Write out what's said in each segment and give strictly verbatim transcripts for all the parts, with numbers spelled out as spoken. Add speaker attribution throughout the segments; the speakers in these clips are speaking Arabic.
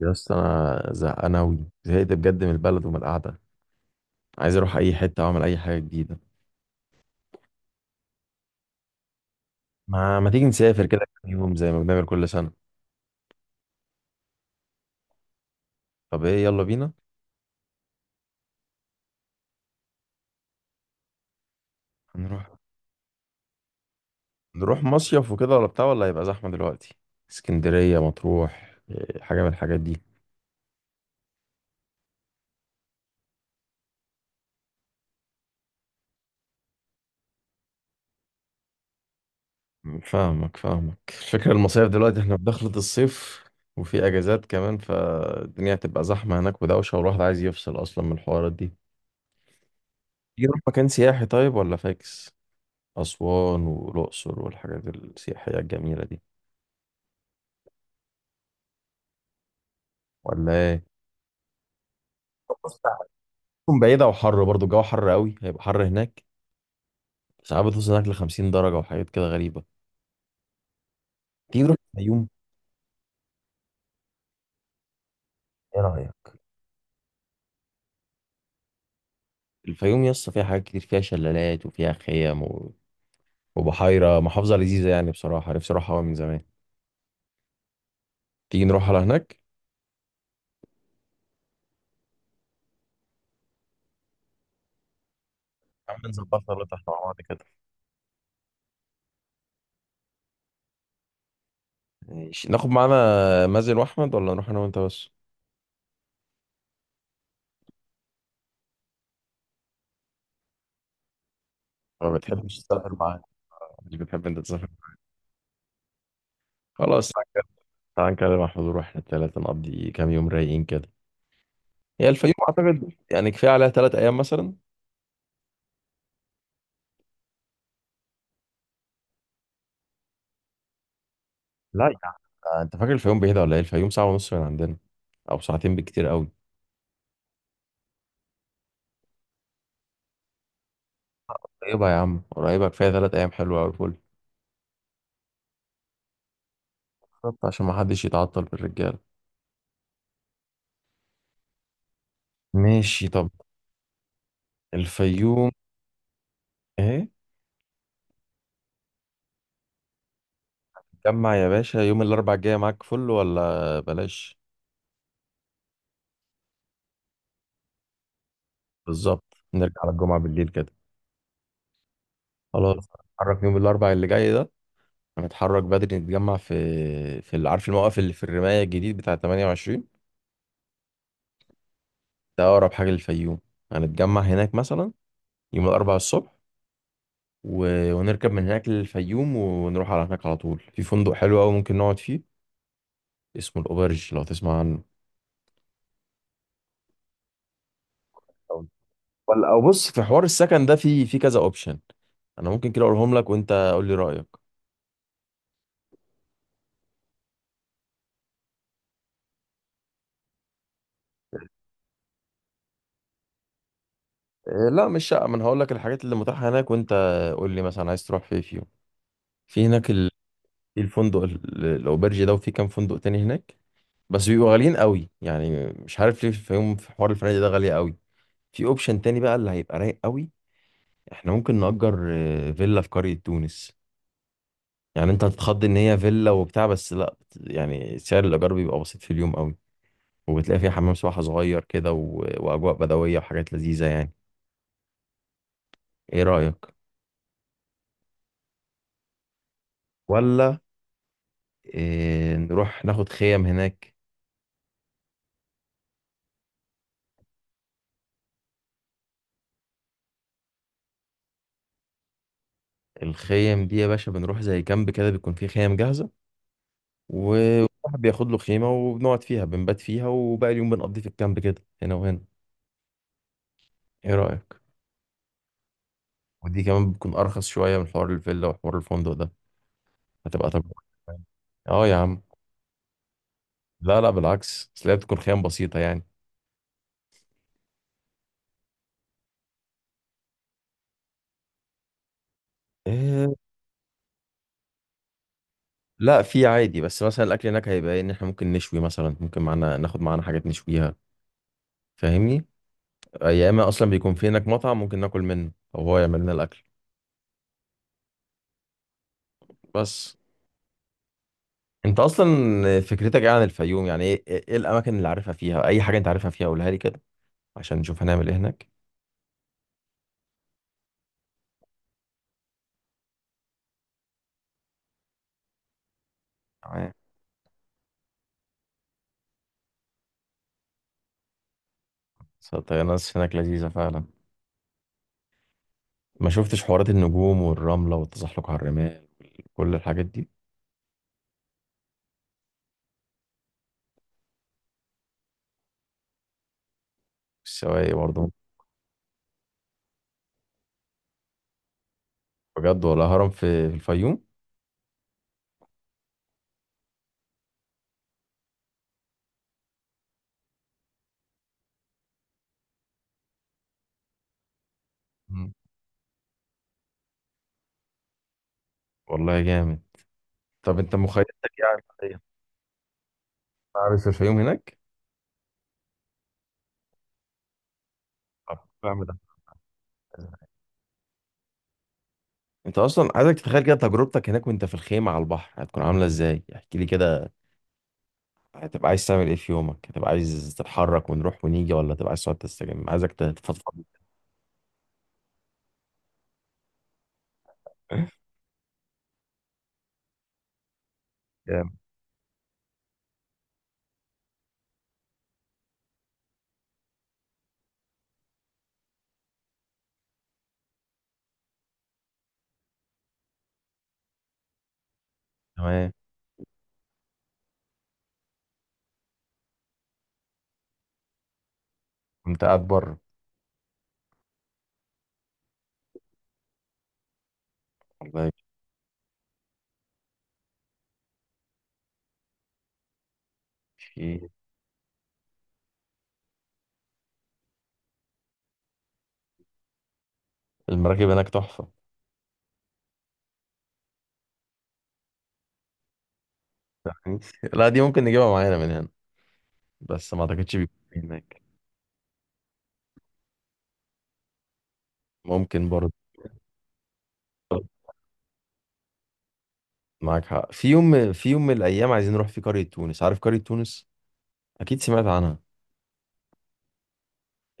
Speaker 1: يا اسطى انا زهقان اوي زهقت بجد من البلد ومن القعده. عايز اروح اي حته واعمل اي حاجه جديده. ما ما تيجي نسافر كده كام يوم زي ما بنعمل كل سنه؟ طب ايه، يلا بينا. هنروح نروح مصيف وكده ولا بتاع، ولا هيبقى زحمه دلوقتي؟ اسكندريه، مطروح، إيه، حاجه من الحاجات دي. فاهمك فاهمك الفكره. المصايف دلوقتي احنا في دخلة الصيف وفي اجازات كمان، فالدنيا هتبقى زحمه هناك ودوشه، والواحد عايز يفصل اصلا من الحوارات دي. تيجي نروح مكان سياحي طيب، ولا فاكس؟ أسوان والأقصر والحاجات السياحية الجميلة دي، ولا إيه؟ بص، تكون بعيدة وحر، برضو الجو حر قوي، هيبقى حر هناك. ساعات بتوصل هناك لخمسين درجة وحاجات كده غريبة. تيجي تروح الفيوم؟ إيه رأيك؟ الفيوم يسطا فيها حاجات كتير، فيها شلالات وفيها خيم و... وبحيرة محافظة لذيذة. يعني بصراحة نفسي أروحها أوي من زمان. تيجي نروح على هناك؟ يا عم نظبطها ولا تحت مع بعض كده. ماشي، ناخد معانا مازن وأحمد ولا نروح أنا وأنت بس؟ ما بتحبش تسافر معانا، مش بتحب أنت تسافر. خلاص، تعال نكلم محمود ونروح احنا التلاتة نقضي كام يوم رايقين كده. هي الفيوم أعتقد يعني كفاية عليها تلات أيام مثلا. لا يا عم، آه، أنت فاكر الفيوم بعيدة ولا إيه؟ الفيوم ساعة ونص من عندنا، أو ساعتين بكتير أوي. قريبة يا عم، قريبة. كفاية تلات أيام حلوة أوي، فل. بالظبط عشان محدش يتعطل بالرجالة. ماشي طب. الفيوم. إيه. جمع يا باشا يوم الأربع الجاية، معاك فل ولا بلاش؟ بالظبط. نرجع على الجمعة بالليل كده. خلاص، نتحرك يوم الأربع اللي جاي ده. هنتحرك بدري، نتجمع في في ال- عارف الموقف اللي في الرماية الجديد بتاع تمنية وعشرين؟ ده أقرب حاجة للفيوم. هنتجمع هناك مثلا يوم الأربعاء الصبح و... ونركب من هناك للفيوم، ونروح على هناك على طول. في فندق حلو أوي ممكن نقعد فيه، اسمه الأوبرج، لو تسمع عنه. ولا، أو بص، في حوار السكن ده في في كذا أوبشن. أنا ممكن كده أقولهم لك وأنت قول لي رأيك. إيه، لا مش شقة. ما أنا هقول لك الحاجات اللي متاحة هناك، وأنت قول لي مثلا عايز تروح فين فيهم. في هناك ال... في الفندق ال- الأوبرج ده، وفي كام فندق تاني هناك، بس بيبقوا غاليين قوي. يعني مش عارف ليه في يوم في حوار الفنادق ده غالية قوي. في اوبشن تاني بقى اللي هيبقى رايق قوي، احنا ممكن نأجر آه، فيلا في قرية تونس. يعني انت هتتخض ان هي فيلا وبتاع، بس لا، بت- يعني سعر الايجار بيبقى بسيط في اليوم قوي. وبتلاقي فيها حمام سباحة صغير كده و... واجواء بدوية وحاجات لذيذة يعني. ايه رأيك؟ ولا إيه، نروح ناخد خيم هناك؟ الخيم دي يا باشا بنروح زي كامب كده، بيكون فيه خيم جاهزة، وواحد بياخد له خيمة وبنقعد فيها، بنبات فيها، وباقي اليوم بنقضيه في الكامب كده هنا وهنا. ايه رأيك؟ ودي كمان بتكون ارخص شوية من حوار الفيلا وحوار الفندق ده. هتبقى تجربة. اه يا عم. لا لا، بالعكس، بس هي بتكون خيام بسيطة يعني. إيه. لا، في عادي. بس مثلا الاكل هناك هيبقى إيه؟ ان احنا ممكن نشوي مثلا، ممكن معانا ناخد معانا حاجات نشويها، فاهمني؟ آه، يا اما اصلا بيكون في هناك مطعم ممكن ناكل منه او هو يعمل لنا الاكل. بس انت اصلا فكرتك ايه عن الفيوم؟ يعني ايه ايه إيه الاماكن اللي عارفها فيها؟ اي حاجه انت عارفها فيها قولها لي كده عشان نشوف هنعمل ايه هناك. تمام. بس الطيران هناك لذيذه فعلا. ما شفتش حوارات النجوم والرمله والتزحلق على الرمال، كل الحاجات دي. السواقي برضه. بجد؟ ولا هرم في في الفيوم؟ مم. والله جامد. طب انت مخيلتك ايه عن الحقيقة؟ عارف الفيوم هناك. طب بعمل ده، انت اصلا عايزك تتخيل كده تجربتك هناك، وانت في الخيمه على البحر هتكون عامله ازاي، احكي لي كده. هتبقى عايز تعمل ايه في يومك؟ هتبقى عايز تتحرك ونروح ونيجي، ولا تبقى عايز تقعد تستجم؟ عايزك تتفضفض. جامد. تمام. كنت قاعد بره. والله. في المراكب هناك تحفة. يعني لا، دي ممكن نجيبها معانا من هنا، بس ما اعتقدش بيكون في هناك. ممكن برضه. معاك حق. في يوم، في يوم من الايام عايزين نروح في قرية تونس. عارف قرية تونس؟ اكيد سمعت عنها.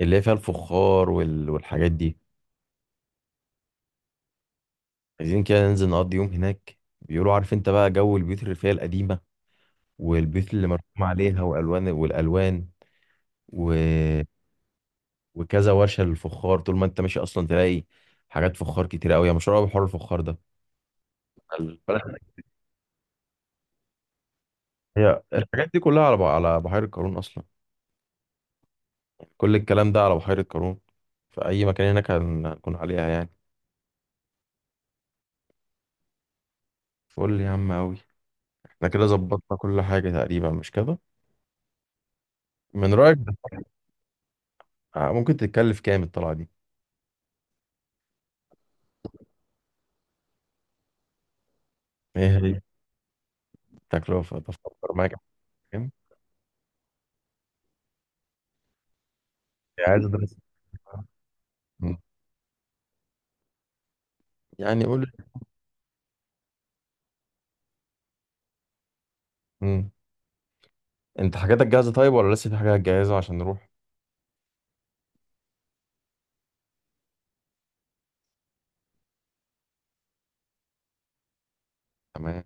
Speaker 1: اللي هي فيها الفخار وال... والحاجات دي. عايزين كده ننزل نقضي يوم هناك، بيقولوا عارف انت بقى جو البيوت الريفية القديمة والبيوت اللي مرسوم عليها والوان والالوان و... وكذا ورشه للفخار. طول ما انت ماشي اصلا تلاقي حاجات فخار كتير قوي، يا مشهور قوي بحوار الفخار ده. البلد، هي الحاجات دي كلها على ب- على بحيره قارون اصلا. كل الكلام ده على بحيره قارون، في اي مكان هناك هن- هنكون عليها يعني. فقول لي يا عم قوي، احنا كده ظبطنا كل حاجه تقريبا مش كده؟ من رايك ده ممكن تتكلف كام الطلعه دي؟ ايه هي؟ التكلفه بفكر معاك. كام؟ عايز ادرس يعني. قول، انت حاجاتك جاهزة طيب ولا لسه في حاجات جاهزة عشان نروح؟ تمام.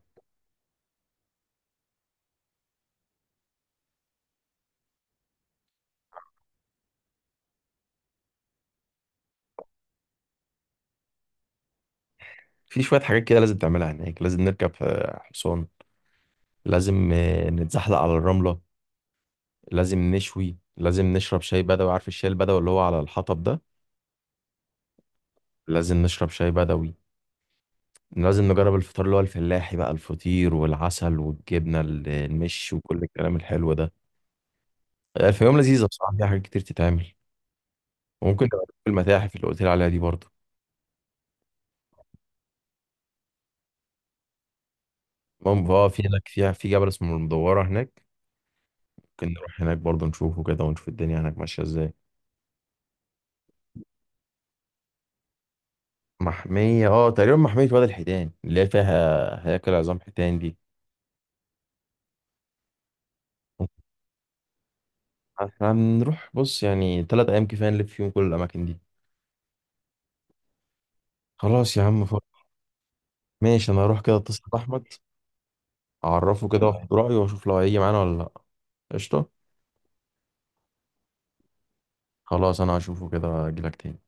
Speaker 1: في شوية حاجات كده لازم تعملها هناك. لازم نركب آه، حصان. لازم آه، نتزحلق على الرملة. لازم نشوي. لازم نشرب شاي بدوي، عارف الشاي البدوي اللي هو على الحطب ده؟ لازم نشرب شاي بدوي. لازم نجرب الفطار اللي هو الفلاحي بقى، الفطير والعسل والجبنة ال- المش وكل الكلام الحلو ده. الفيوم لذيذة بصراحة، فيها حاجات كتير تتعمل. وممكن تبقى في المتاحف اللي قلت لي عليها دي برضه. المهم، اه، في هناك في في جبل اسمه المدورة هناك. ممكن نروح هناك برضه نشوفه كده، ونشوف الدنيا هناك ماشية ازاي. محمية، اه تقريبا، محمية وادي الحيتان اللي هي فيها هياكل عظام حيتان دي. احنا هنروح بص يعني تلات أيام كفاية نلف فيهم كل الأماكن دي. خلاص يا عم، فل. ماشي، أنا هروح كده أتصل بأحمد، أعرفه كده وأخد رأيه، وأشوف لو هيجي معانا ولا لأ. قشطة. خلاص، أنا هشوفه كده أجيلك تاني.